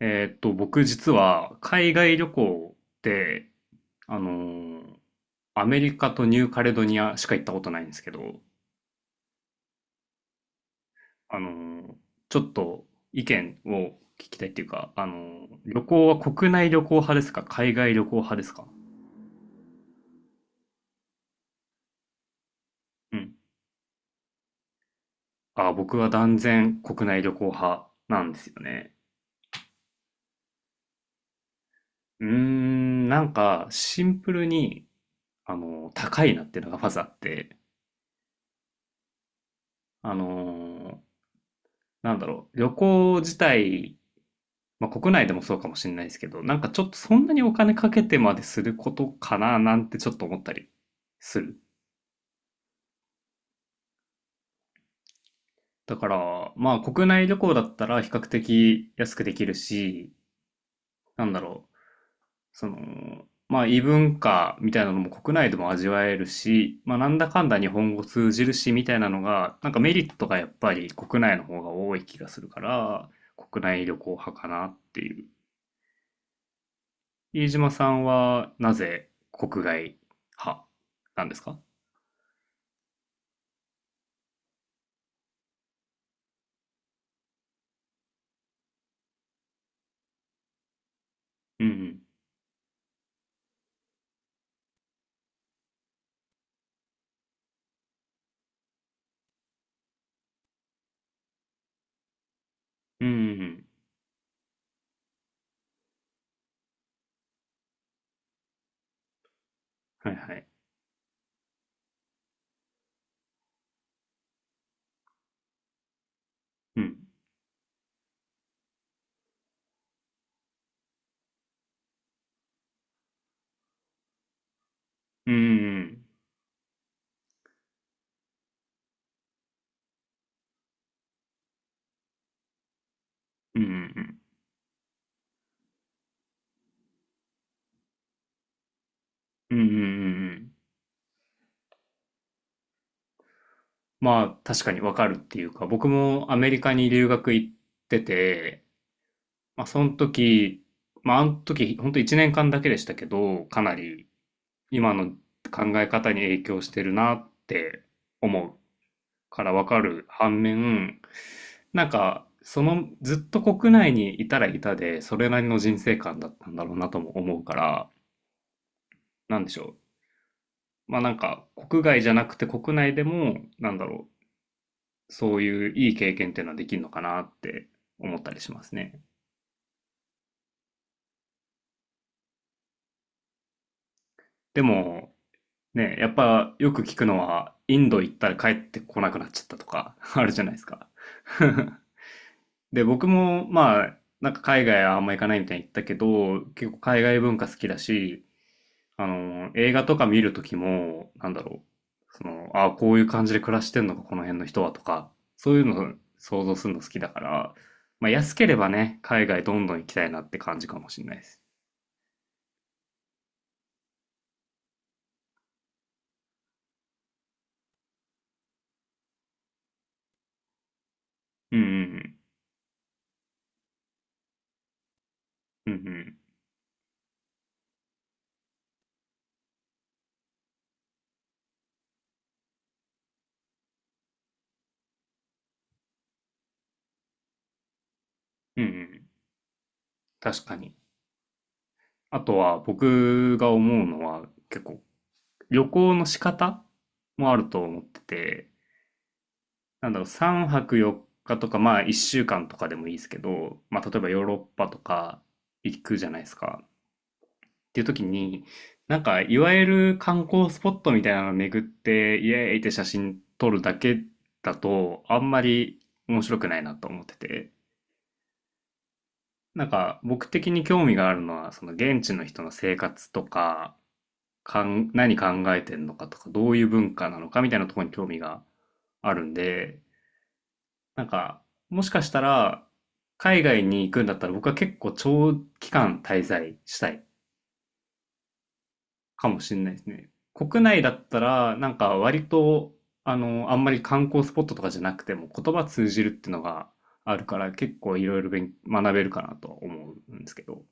僕実は海外旅行ってあのーアメリカとニューカレドニアしか行ったことないんですけど、あのーちょっと意見を聞きたいっていうか、旅行は国内旅行派ですか海外旅行派ですか？うん。あ、僕は断然国内旅行派なんですよね。うーん、なんかシンプルに、あの高いなっていうのがまずあって、あのなんだろう、旅行自体まあ、国内でもそうかもしれないですけど、なんかちょっとそんなにお金かけてまですることかななんてちょっと思ったりする。だから、まあ国内旅行だったら比較的安くできるし、なんだろう、その、まあ異文化みたいなのも国内でも味わえるし、まあなんだかんだ日本語通じるしみたいなのが、なんかメリットがやっぱり国内の方が多い気がするから、国内旅行派かなっていう。飯島さんはなぜ国外派なんですか？うんうん。うんうんうん。はいはい。うん。うんうんうん。うんうんうん。うんうんうんはいはいうんうんうんうんうんうんうんうん、まあ、確かにわかるっていうか、僕もアメリカに留学行ってて、まあ、その時、まあ、あの時、本当と1年間だけでしたけど、かなり今の考え方に影響してるなって思うからわかる反面、なんか、その、ずっと国内にいたらいたで、それなりの人生観だったんだろうなとも思うから、なんでしょう。まあなんか国外じゃなくて国内でも、なんだろう、そういういい経験っていうのはできるのかなって思ったりしますね。でも、ね、やっぱよく聞くのは、インド行ったら帰ってこなくなっちゃったとか あるじゃないですか。で、僕もまあ、なんか海外はあんま行かないみたいに言ったけど、結構海外文化好きだし、あの、映画とか見るときも、なんだろう。その、ああ、こういう感じで暮らしてんのか、この辺の人はとか、そういうのを想像するの好きだから、まあ安ければね、海外どんどん行きたいなって感じかもしれないです。うんうんうん。うんうん。うんうん。確かに。あとは僕が思うのは結構旅行の仕方もあると思ってて、なんだろう、3泊4日とか、まあ1週間とかでもいいですけど、まあ例えばヨーロッパとか行くじゃないですか。っていう時に、なんか、いわゆる観光スポットみたいなのを巡って、イエーイって写真撮るだけだと、あんまり面白くないなと思ってて、なんか、僕的に興味があるのは、その現地の人の生活とか、かん、何考えてんのかとか、どういう文化なのかみたいなところに興味があるんで、なんか、もしかしたら、海外に行くんだったら僕は結構長期間滞在したいかもしれないですね。国内だったら、なんか割と、あの、あんまり観光スポットとかじゃなくても言葉通じるっていうのがあるから結構いろいろ勉学べるかなとは思うんですけど、っ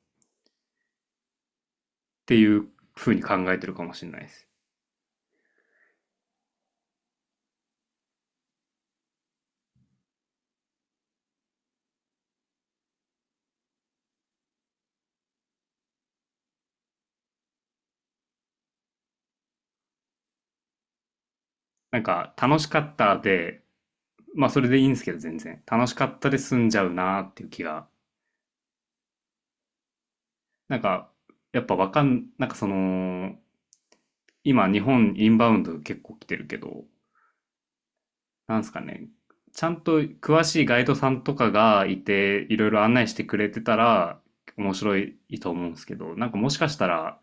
ていうふうに考えてるかもしれないです。なんか楽しかったで、まあそれでいいんですけど全然。楽しかったで済んじゃうなっていう気が。なんか、やっぱわかん、なんかその、今日本インバウンド結構来てるけど、なんですかね、ちゃんと詳しいガイドさんとかがいて、いろいろ案内してくれてたら、面白いと思うんですけど、なんかもしかしたら、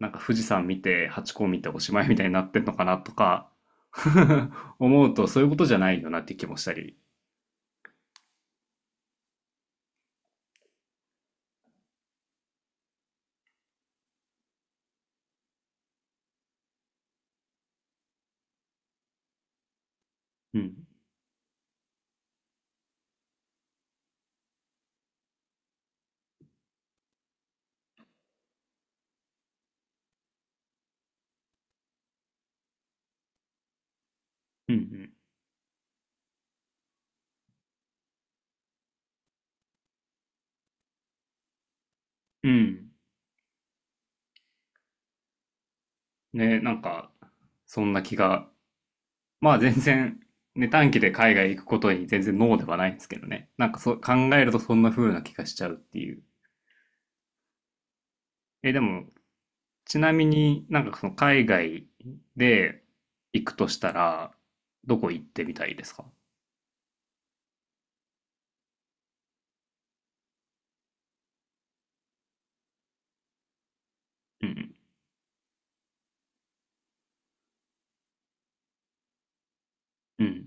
なんか富士山見て、ハチ公見ておしまいみたいになってんのかなとか、思うとそういうことじゃないよなって気もしたり。うん。うん、うん。うん。ね、なんか、そんな気が。まあ全然、ね、短期で海外行くことに全然ノーではないんですけどね。なんかそう、考えるとそんな風な気がしちゃうっていう。え、でも、ちなみになんかその海外で行くとしたら、どこ行ってみたいですか？うん。うん。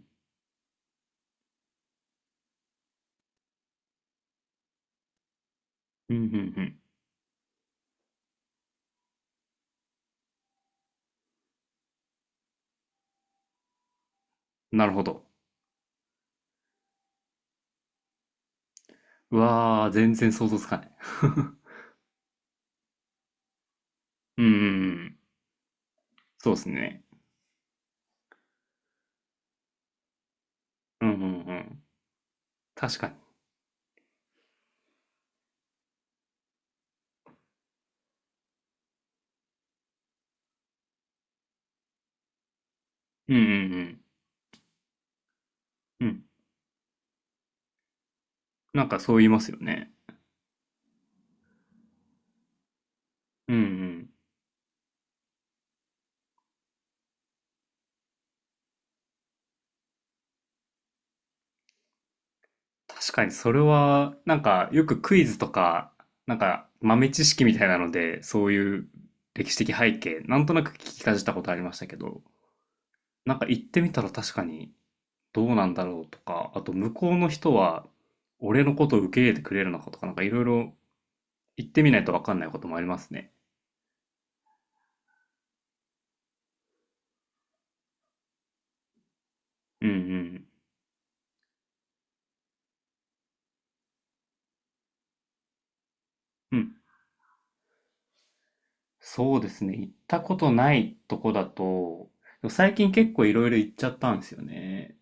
うん。うん。うんうん、なるほど。うわー、全然想像つかない。うんうんうん。そうですね。うんうんうん。確かに。うんうんうん。うん。なんかそう言いますよね。うんうん。確かにそれは、なんかよくクイズとか、なんか豆知識みたいなので、そういう歴史的背景、なんとなく聞きかじったことありましたけど、なんか行ってみたら確かにどうなんだろうとか、あと向こうの人は俺のことを受け入れてくれるのかとか、なんかいろいろ行ってみないと分かんないこともありますね。うんうん。うん。そうですね。行ったことないとこだと、でも最近結構いろいろ行っちゃったんですよね。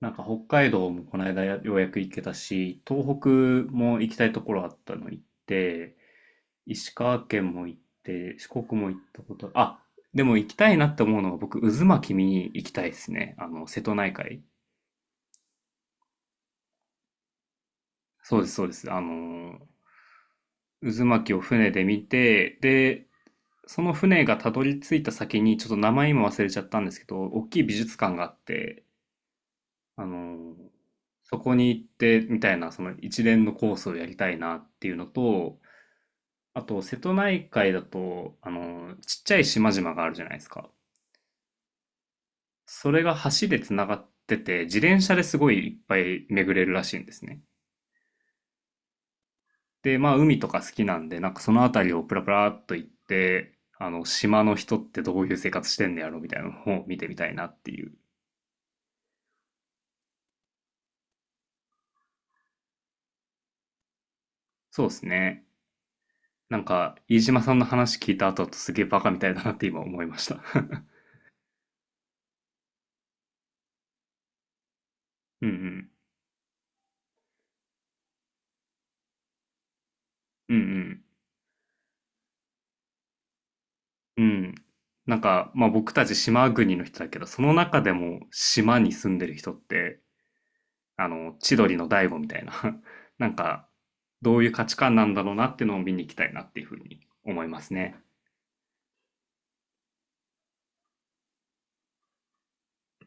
なんか北海道もこの間ようやく行けたし、東北も行きたいところあったの行って、石川県も行って、四国も行ったこと、あ、でも行きたいなって思うのが僕、渦巻き見に行きたいですね。あの、瀬戸内海。そうです、そうです。あの渦巻きを船で見て、で、その船がたどり着いた先に、ちょっと名前今忘れちゃったんですけど、大きい美術館があって、あのそこに行ってみたいな、その一連のコースをやりたいなっていうのと、あと、瀬戸内海だと、あのちっちゃい島々があるじゃないですか。それが橋でつながってて、自転車ですごいいっぱい巡れるらしいんですね。で、まあ海とか好きなんで、なんかその辺りをプラプラっと行って、あの、島の人ってどういう生活してんのやろみたいなのを見てみたいなっていう。そうですね。なんか、飯島さんの話聞いた後だとすげえバカみたいだなって今思いました。うんうん。うんうん。うん。なんか、まあ僕たち島国の人だけど、その中でも島に住んでる人ってあの、千鳥の大悟みたいな、なんか、どういう価値観なんだろうなっていうのを見に行きたいなっていうふうに思いますね。